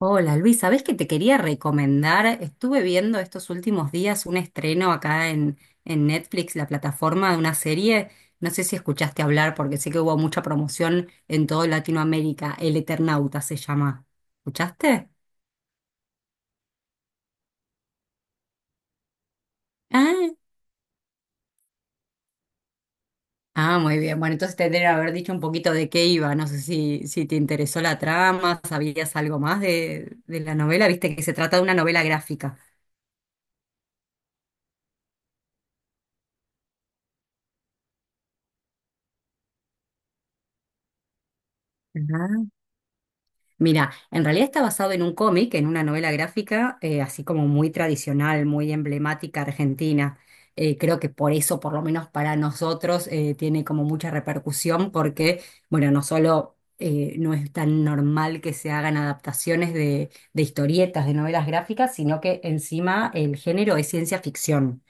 Hola Luis, ¿sabés que te quería recomendar? Estuve viendo estos últimos días un estreno acá en Netflix, la plataforma de una serie. No sé si escuchaste hablar porque sé que hubo mucha promoción en todo Latinoamérica. El Eternauta se llama. ¿Escuchaste? Ah, Muy bien. Bueno, entonces te tendría que haber dicho un poquito de qué iba. No sé si te interesó la trama, sabías algo más de la novela. Viste que se trata de una novela gráfica. Mira, en realidad está basado en un cómic, en una novela gráfica, así como muy tradicional, muy emblemática argentina. Creo que por eso, por lo menos para nosotros, tiene como mucha repercusión porque, bueno, no solo no es tan normal que se hagan adaptaciones de historietas, de novelas gráficas, sino que encima el género es ciencia ficción,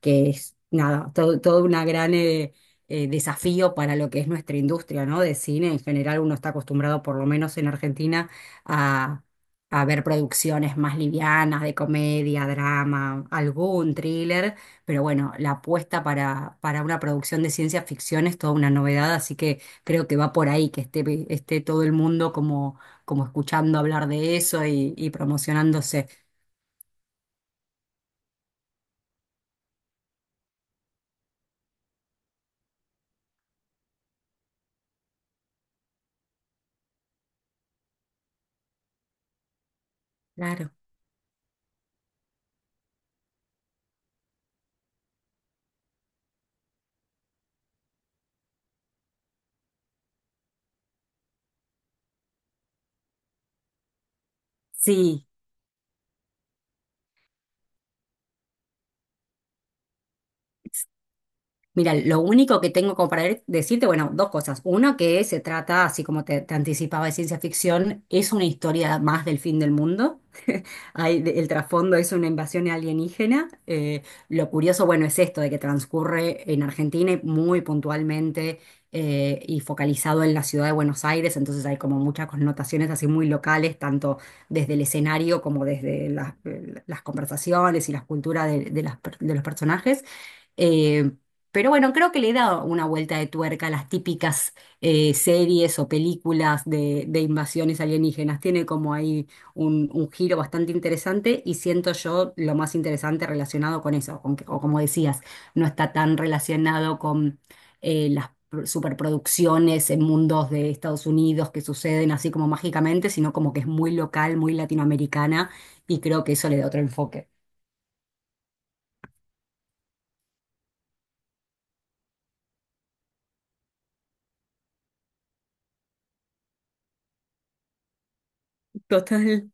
que es nada, todo una gran, desafío para lo que es nuestra industria, ¿no? De cine. En general uno está acostumbrado, por lo menos en Argentina, a, a ver producciones más livianas, de comedia, drama, algún thriller, pero bueno, la apuesta para una producción de ciencia ficción es toda una novedad, así que creo que va por ahí, que esté todo el mundo como, como escuchando hablar de eso y promocionándose. Claro. Sí. Mira, lo único que tengo como para decirte, bueno, dos cosas. Una que se trata, así como te anticipaba, de ciencia ficción, es una historia más del fin del mundo. Hay, de- el trasfondo es una invasión alienígena. Lo curioso, bueno, es esto de que transcurre en Argentina y muy puntualmente, y focalizado en la ciudad de Buenos Aires, entonces hay como muchas connotaciones así muy locales, tanto desde el escenario como desde las conversaciones y las culturas de las de los personajes. Eh, pero bueno, creo que le da una vuelta de tuerca a las típicas series o películas de invasiones alienígenas. Tiene como ahí un giro bastante interesante y siento yo lo más interesante relacionado con eso, con que- o como decías, no está tan relacionado con las superproducciones en mundos de Estados Unidos que suceden así como mágicamente, sino como que es muy local, muy latinoamericana y creo que eso le da otro enfoque. Total.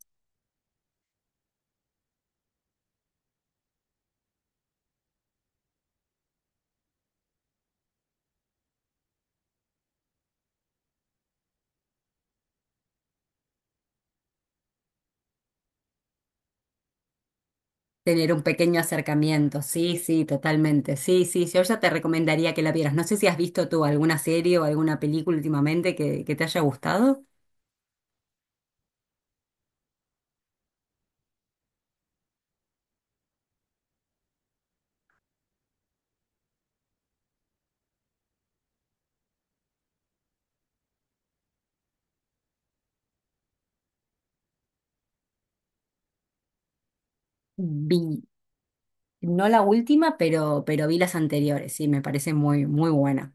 Tener un pequeño acercamiento, sí, sí, totalmente. Sí, sí, yo ya te recomendaría que la vieras. No sé si has visto tú alguna serie o alguna película últimamente que te haya gustado. Vi, no la última, pero vi las anteriores, sí, me parece muy, muy buena.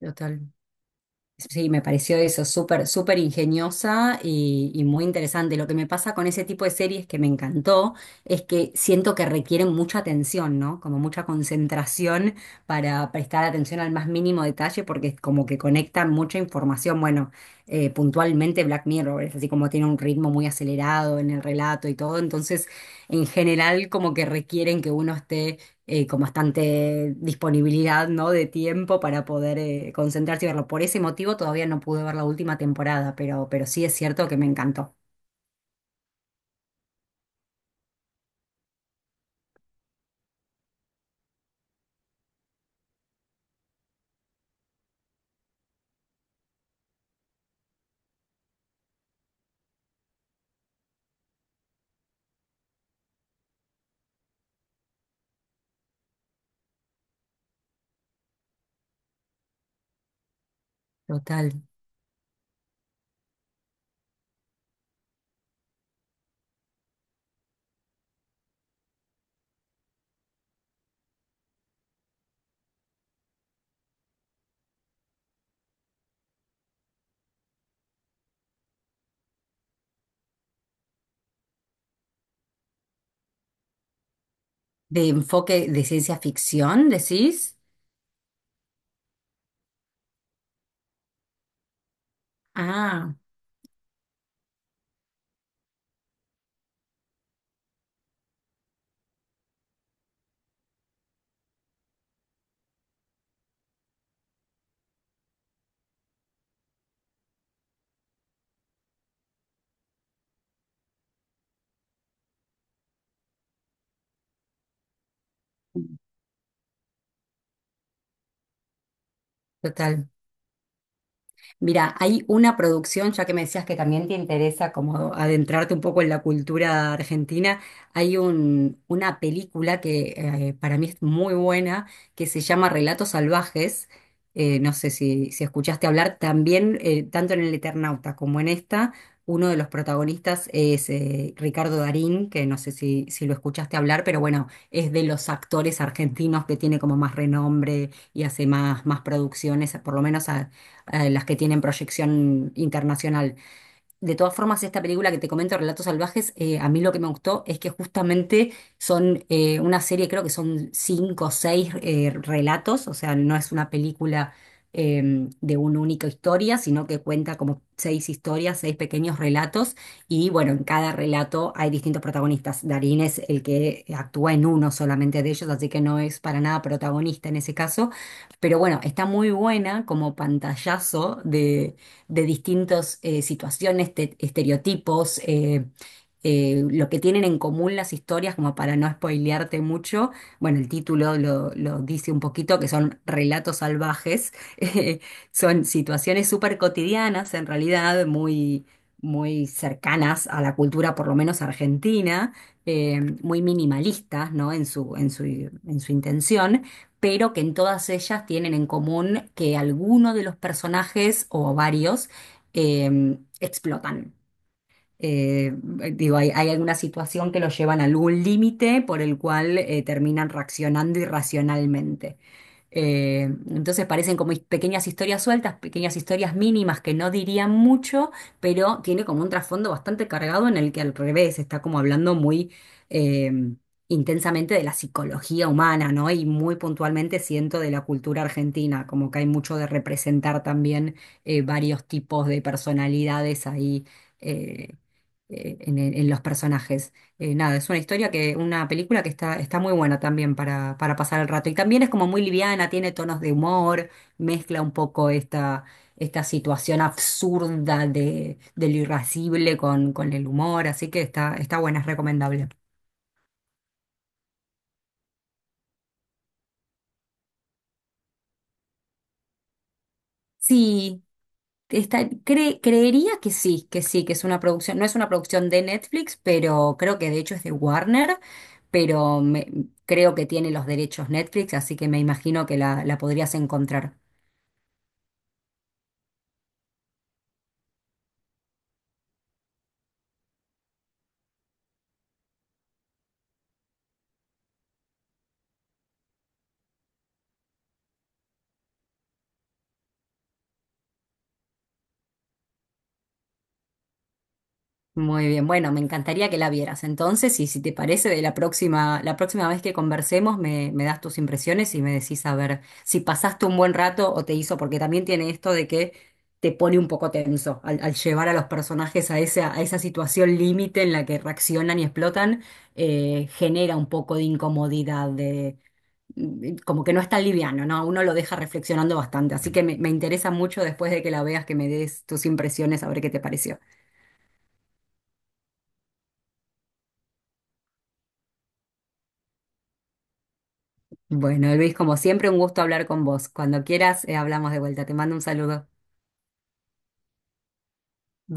Total. Sí, me pareció eso súper, súper ingeniosa y muy interesante. Lo que me pasa con ese tipo de series que me encantó es que siento que requieren mucha atención, ¿no? Como mucha concentración para prestar atención al más mínimo detalle porque es como que conectan mucha información. Bueno, puntualmente Black Mirror es así, como tiene un ritmo muy acelerado en el relato y todo. Entonces, en general, como que requieren que uno esté con bastante disponibilidad, ¿no? De tiempo para poder concentrarse y verlo. Por ese motivo todavía no pude ver la última temporada, pero sí es cierto que me encantó. Total. ¿De enfoque de ciencia ficción, decís? Ah, total. Mira, hay una producción, ya que me decías que también te interesa como adentrarte un poco en la cultura argentina, hay una película que, para mí es muy buena, que se llama Relatos Salvajes. No sé si escuchaste hablar, también, tanto en El Eternauta como en esta, uno de los protagonistas es Ricardo Darín, que no sé si lo escuchaste hablar, pero bueno, es de los actores argentinos que tiene como más renombre y hace más, más producciones, por lo menos a las que tienen proyección internacional. De todas formas, esta película que te comento, Relatos Salvajes, a mí lo que me gustó es que justamente son una serie, creo que son cinco o seis relatos, o sea, no es una película de una única historia, sino que cuenta como seis historias, seis pequeños relatos, y bueno, en cada relato hay distintos protagonistas. Darín es el que actúa en uno solamente de ellos, así que no es para nada protagonista en ese caso, pero bueno, está muy buena como pantallazo de distintas situaciones, estereotipos, lo que tienen en común las historias, como para no spoilearte mucho. Bueno, el título lo dice un poquito, que son relatos salvajes. Son situaciones súper cotidianas, en realidad, muy, muy cercanas a la cultura, por lo menos argentina, muy minimalistas, ¿no? En su, en su intención, pero que en todas ellas tienen en común que alguno de los personajes o varios explotan. Eh, digo, hay alguna situación que los llevan a algún límite por el cual terminan reaccionando irracionalmente. Eh, entonces parecen como pequeñas historias sueltas, pequeñas historias mínimas que no dirían mucho, pero tiene como un trasfondo bastante cargado en el que al revés está como hablando muy eh, intensamente de la psicología humana, ¿no? Y muy puntualmente siento de la cultura argentina, como que hay mucho de representar también varios tipos de personalidades ahí eh, en los personajes. Nada, es una historia que, una película que está muy buena también para pasar el rato. Y también es como muy liviana, tiene tonos de humor, mezcla un poco esta situación absurda de lo irascible con el humor, así que está buena, es recomendable. Sí, está, creería que sí, que sí, que es una producción, no es una producción de Netflix, pero creo que de hecho es de Warner, pero creo que tiene los derechos Netflix, así que me imagino que la podrías encontrar. Muy bien, bueno, me encantaría que la vieras. Entonces, y si te parece, de la próxima vez que conversemos, me das tus impresiones y me decís a ver si pasaste un buen rato o te hizo, porque también tiene esto de que te pone un poco tenso al llevar a los personajes a esa situación límite en la que reaccionan y explotan, genera un poco de incomodidad, de mm, como que no es tan liviano, ¿no? Uno lo deja reflexionando bastante. Así que me interesa mucho después de que la veas que me des tus impresiones a ver qué te pareció. Bueno, Luis, como siempre, un gusto hablar con vos. Cuando quieras, hablamos de vuelta. Te mando un saludo. Bye.